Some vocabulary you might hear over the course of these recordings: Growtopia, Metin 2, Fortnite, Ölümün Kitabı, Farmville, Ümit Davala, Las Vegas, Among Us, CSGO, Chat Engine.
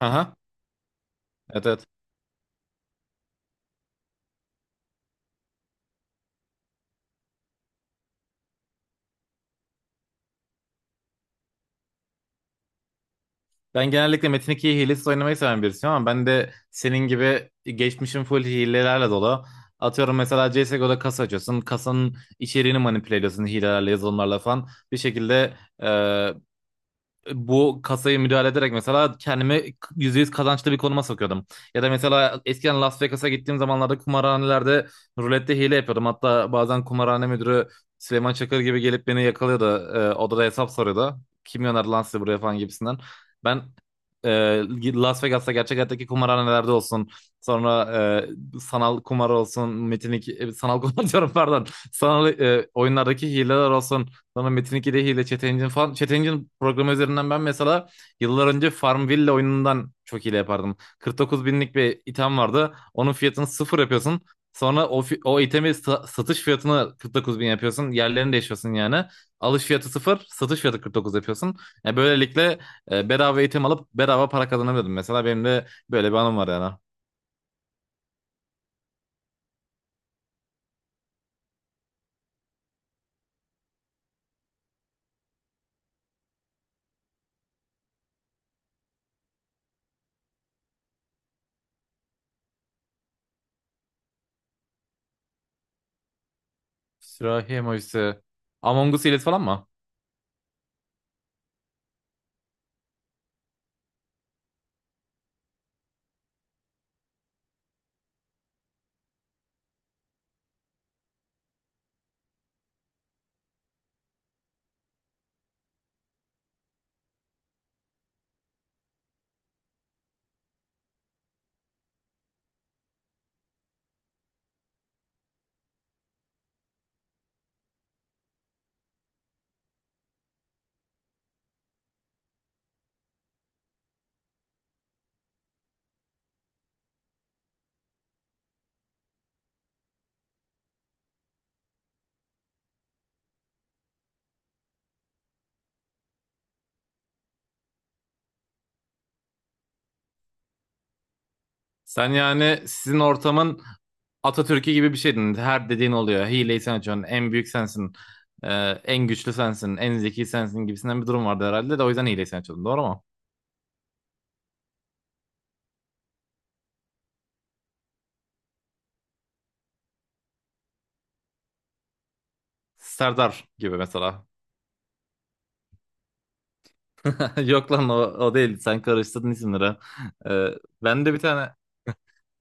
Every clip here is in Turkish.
Aha. Evet evet. Ben genellikle Metin 2'yi hilesiz oynamayı seven birisiyim ama ben de senin gibi geçmişim full hilelerle dolu. Atıyorum mesela CSGO'da kasa açıyorsun. Kasanın içeriğini manipüle ediyorsun hilelerle, yazılımlarla falan. Bir şekilde bu kasayı müdahale ederek mesela kendimi %100 kazançlı bir konuma sokuyordum. Ya da mesela eskiden Las Vegas'a gittiğim zamanlarda kumarhanelerde rulette hile yapıyordum. Hatta bazen kumarhane müdürü Süleyman Çakır gibi gelip beni yakalıyordu. Odada hesap soruyordu. Kim gönderdi lan sizi buraya falan gibisinden. Ben e, Las Vegas'ta gerçek hayattaki kumarhanelerde olsun. Sonra sanal kumar olsun. Metinik sanal kumar diyorum, pardon. Sanal oyunlardaki hileler olsun. Sonra Metin 2'de hile, Chat Engine falan. Chat Engine programı üzerinden ben mesela yıllar önce Farmville oyunundan çok hile yapardım. 49 binlik bir item vardı. Onun fiyatını sıfır yapıyorsun. Sonra o itemi satış fiyatını 49 bin yapıyorsun. Yerlerini değişiyorsun yani. Alış fiyatı sıfır, satış fiyatı 49 yapıyorsun. Yani böylelikle bedava item alıp bedava para kazanabiliyordum. Mesela benim de böyle bir anım var yani. Sürahi emojisi. Among Us hilesi falan mı? Sen yani sizin ortamın Atatürk'ü gibi bir şeydin. Her dediğin oluyor. Hileyi sen açıyorsun. En büyük sensin. Ee, En güçlü sensin. En zeki sensin gibisinden bir durum vardı herhalde de o yüzden hileyi sen açıyordun. Doğru mu? Serdar gibi mesela. Yok lan o, o değil. Sen karıştırdın isimleri. Ee, ben de bir tane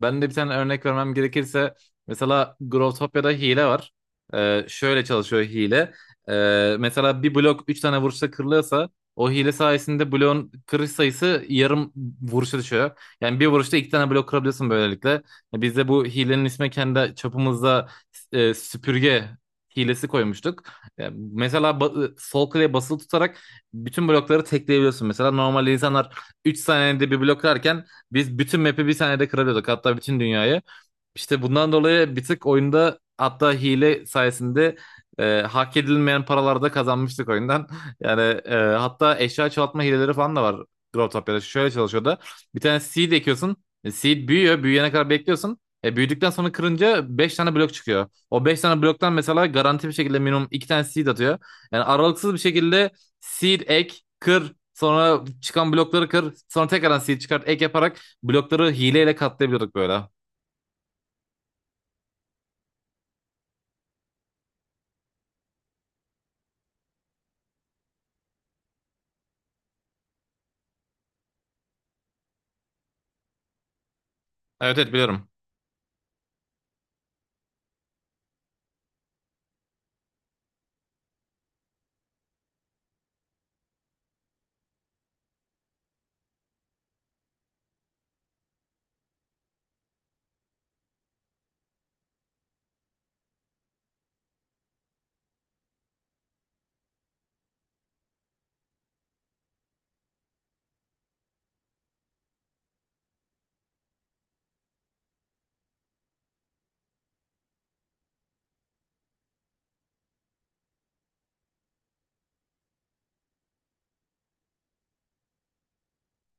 Ben de bir tane örnek vermem gerekirse mesela Growtopia'da hile var. Şöyle çalışıyor hile. Mesela bir blok 3 tane vuruşta kırılıyorsa o hile sayesinde bloğun kırış sayısı yarım vuruşa düşüyor. Yani bir vuruşta iki tane blok kırabiliyorsun böylelikle. Ya, biz de bu hilenin ismi kendi çapımızda süpürge hilesi koymuştuk. Yani mesela sol klavye basılı tutarak bütün blokları tekleyebiliyorsun. Mesela normal insanlar 3 saniyede bir blok kırarken biz bütün map'i bir saniyede kırabiliyorduk. Hatta bütün dünyayı. İşte bundan dolayı bir tık oyunda hatta hile sayesinde hak edilmeyen paralarda kazanmıştık oyundan. Yani hatta eşya çoğaltma hileleri falan da var, drop top yarışı. Şöyle çalışıyor da, bir tane seed ekiyorsun. Seed büyüyor. Büyüyene kadar bekliyorsun. Büyüdükten sonra kırınca 5 tane blok çıkıyor. O 5 tane bloktan mesela garanti bir şekilde minimum 2 tane seed atıyor. Yani aralıksız bir şekilde seed ek, kır, sonra çıkan blokları kır, sonra tekrardan seed çıkart, ek yaparak blokları hileyle katlayabiliyorduk böyle. Evet evet, biliyorum.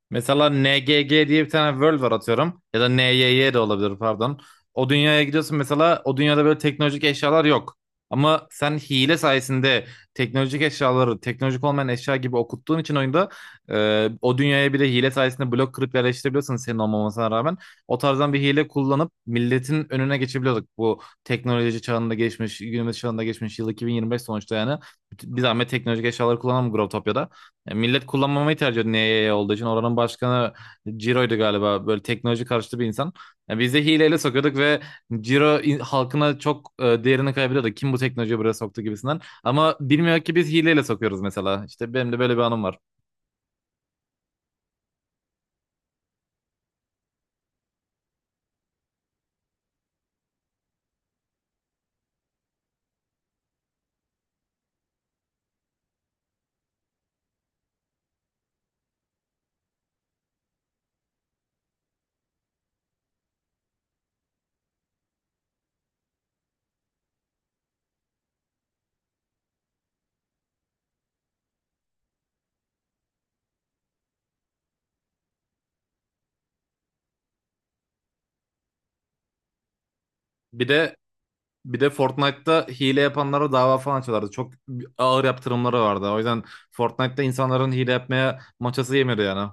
Mesela NGG diye bir tane world var atıyorum. Ya da NYY de olabilir, pardon. O dünyaya gidiyorsun mesela, o dünyada böyle teknolojik eşyalar yok. Ama sen hile sayesinde teknolojik eşyaları teknolojik olmayan eşya gibi okuttuğun için oyunda o dünyaya bile hile sayesinde blok kırıp yerleştirebiliyorsun senin olmamasına rağmen. O tarzdan bir hile kullanıp milletin önüne geçebiliyorduk. Bu teknoloji çağında geçmiş, günümüz çağında geçmiş, yıl 2025 sonuçta yani. Bir zahmet teknolojik eşyaları kullanalım Growtopia'da. Ya millet kullanmamayı tercih ediyor NYY olduğu için. Oranın başkanı Ciro'ydu galiba. Böyle teknoloji karşıtı bir insan. Ya biz de hileyle sokuyorduk ve Ciro halkına çok değerini kaybediyordu. Kim bu teknolojiyi buraya soktu gibisinden. Ama bilmiyor ki biz hileyle sokuyoruz mesela. İşte benim de böyle bir anım var. Bir de bir de Fortnite'ta hile yapanlara dava falan açıyorlardı. Çok ağır yaptırımları vardı. O yüzden Fortnite'ta insanların hile yapmaya maçası yemiyordu yani.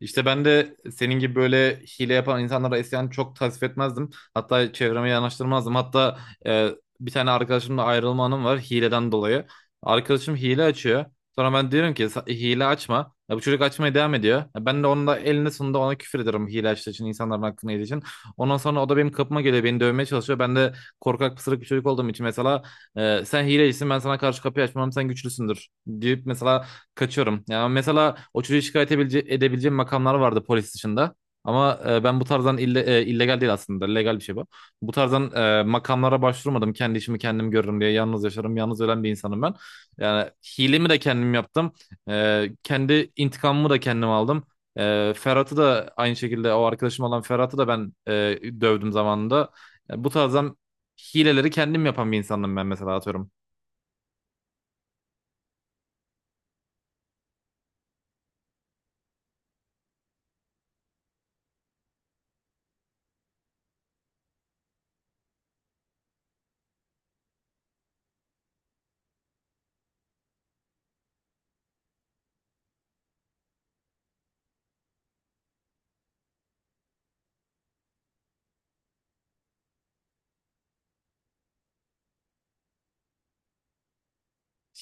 İşte ben de senin gibi böyle hile yapan insanlara isyan, çok tasvip etmezdim. Hatta çevreme yanaştırmazdım. Hatta e, bir tane arkadaşımla ayrılma anım var hileden dolayı. Arkadaşım hile açıyor. Sonra ben diyorum ki, Hile açma." Ya bu çocuk açmaya devam ediyor. Ya, ben de onun da elinde sonunda ona küfür ederim hile açtığı için, insanların hakkını yediği için. Ondan sonra o da benim kapıma geliyor, beni dövmeye çalışıyor. Ben de korkak, pısırık bir çocuk olduğum için mesela sen hilecisin, ben sana karşı kapıyı açmam, sen güçlüsündür deyip mesela kaçıyorum. Ya mesela o çocuğu edebileceğim makamlar vardı polis dışında. Ama ben bu tarzdan illegal değil aslında. Legal bir şey bu. Bu tarzdan makamlara başvurmadım. Kendi işimi kendim görürüm diye. Yalnız yaşarım. Yalnız ölen bir insanım ben. Yani hilemi de kendim yaptım. Kendi intikamımı da kendim aldım. Ferhat'ı da aynı şekilde, o arkadaşım olan Ferhat'ı da ben dövdüm zamanında. Yani bu tarzdan hileleri kendim yapan bir insanım ben mesela, atıyorum.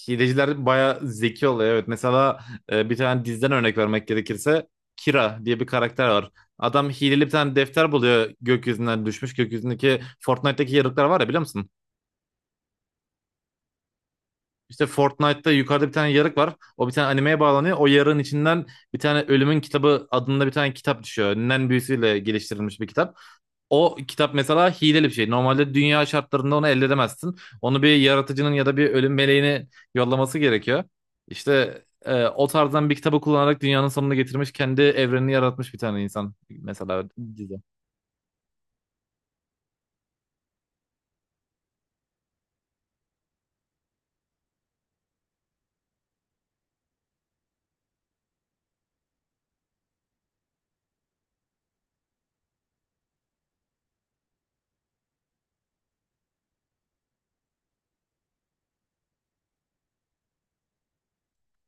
Hileciler bayağı zeki oluyor, evet. Mesela bir tane diziden örnek vermek gerekirse, Kira diye bir karakter var. Adam hileli bir tane defter buluyor, gökyüzünden düşmüş. Gökyüzündeki Fortnite'daki yarıklar var ya, biliyor musun? İşte Fortnite'da yukarıda bir tane yarık var. O bir tane animeye bağlanıyor. O yarığın içinden bir tane Ölümün Kitabı adında bir tane kitap düşüyor. Nen büyüsüyle geliştirilmiş bir kitap. O kitap mesela hileli bir şey. Normalde dünya şartlarında onu elde edemezsin. Onu bir yaratıcının ya da bir ölüm meleğini yollaması gerekiyor. İşte o tarzdan bir kitabı kullanarak dünyanın sonunu getirmiş, kendi evrenini yaratmış bir tane insan mesela dizi.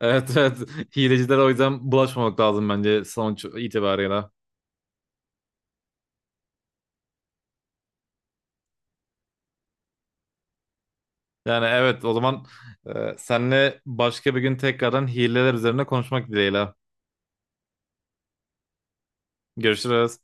Evet evet. Hilecilere o yüzden bulaşmamak lazım bence sonuç itibarıyla. Yani evet, o zaman senle başka bir gün tekrardan hileler üzerine konuşmak dileğiyle. Görüşürüz.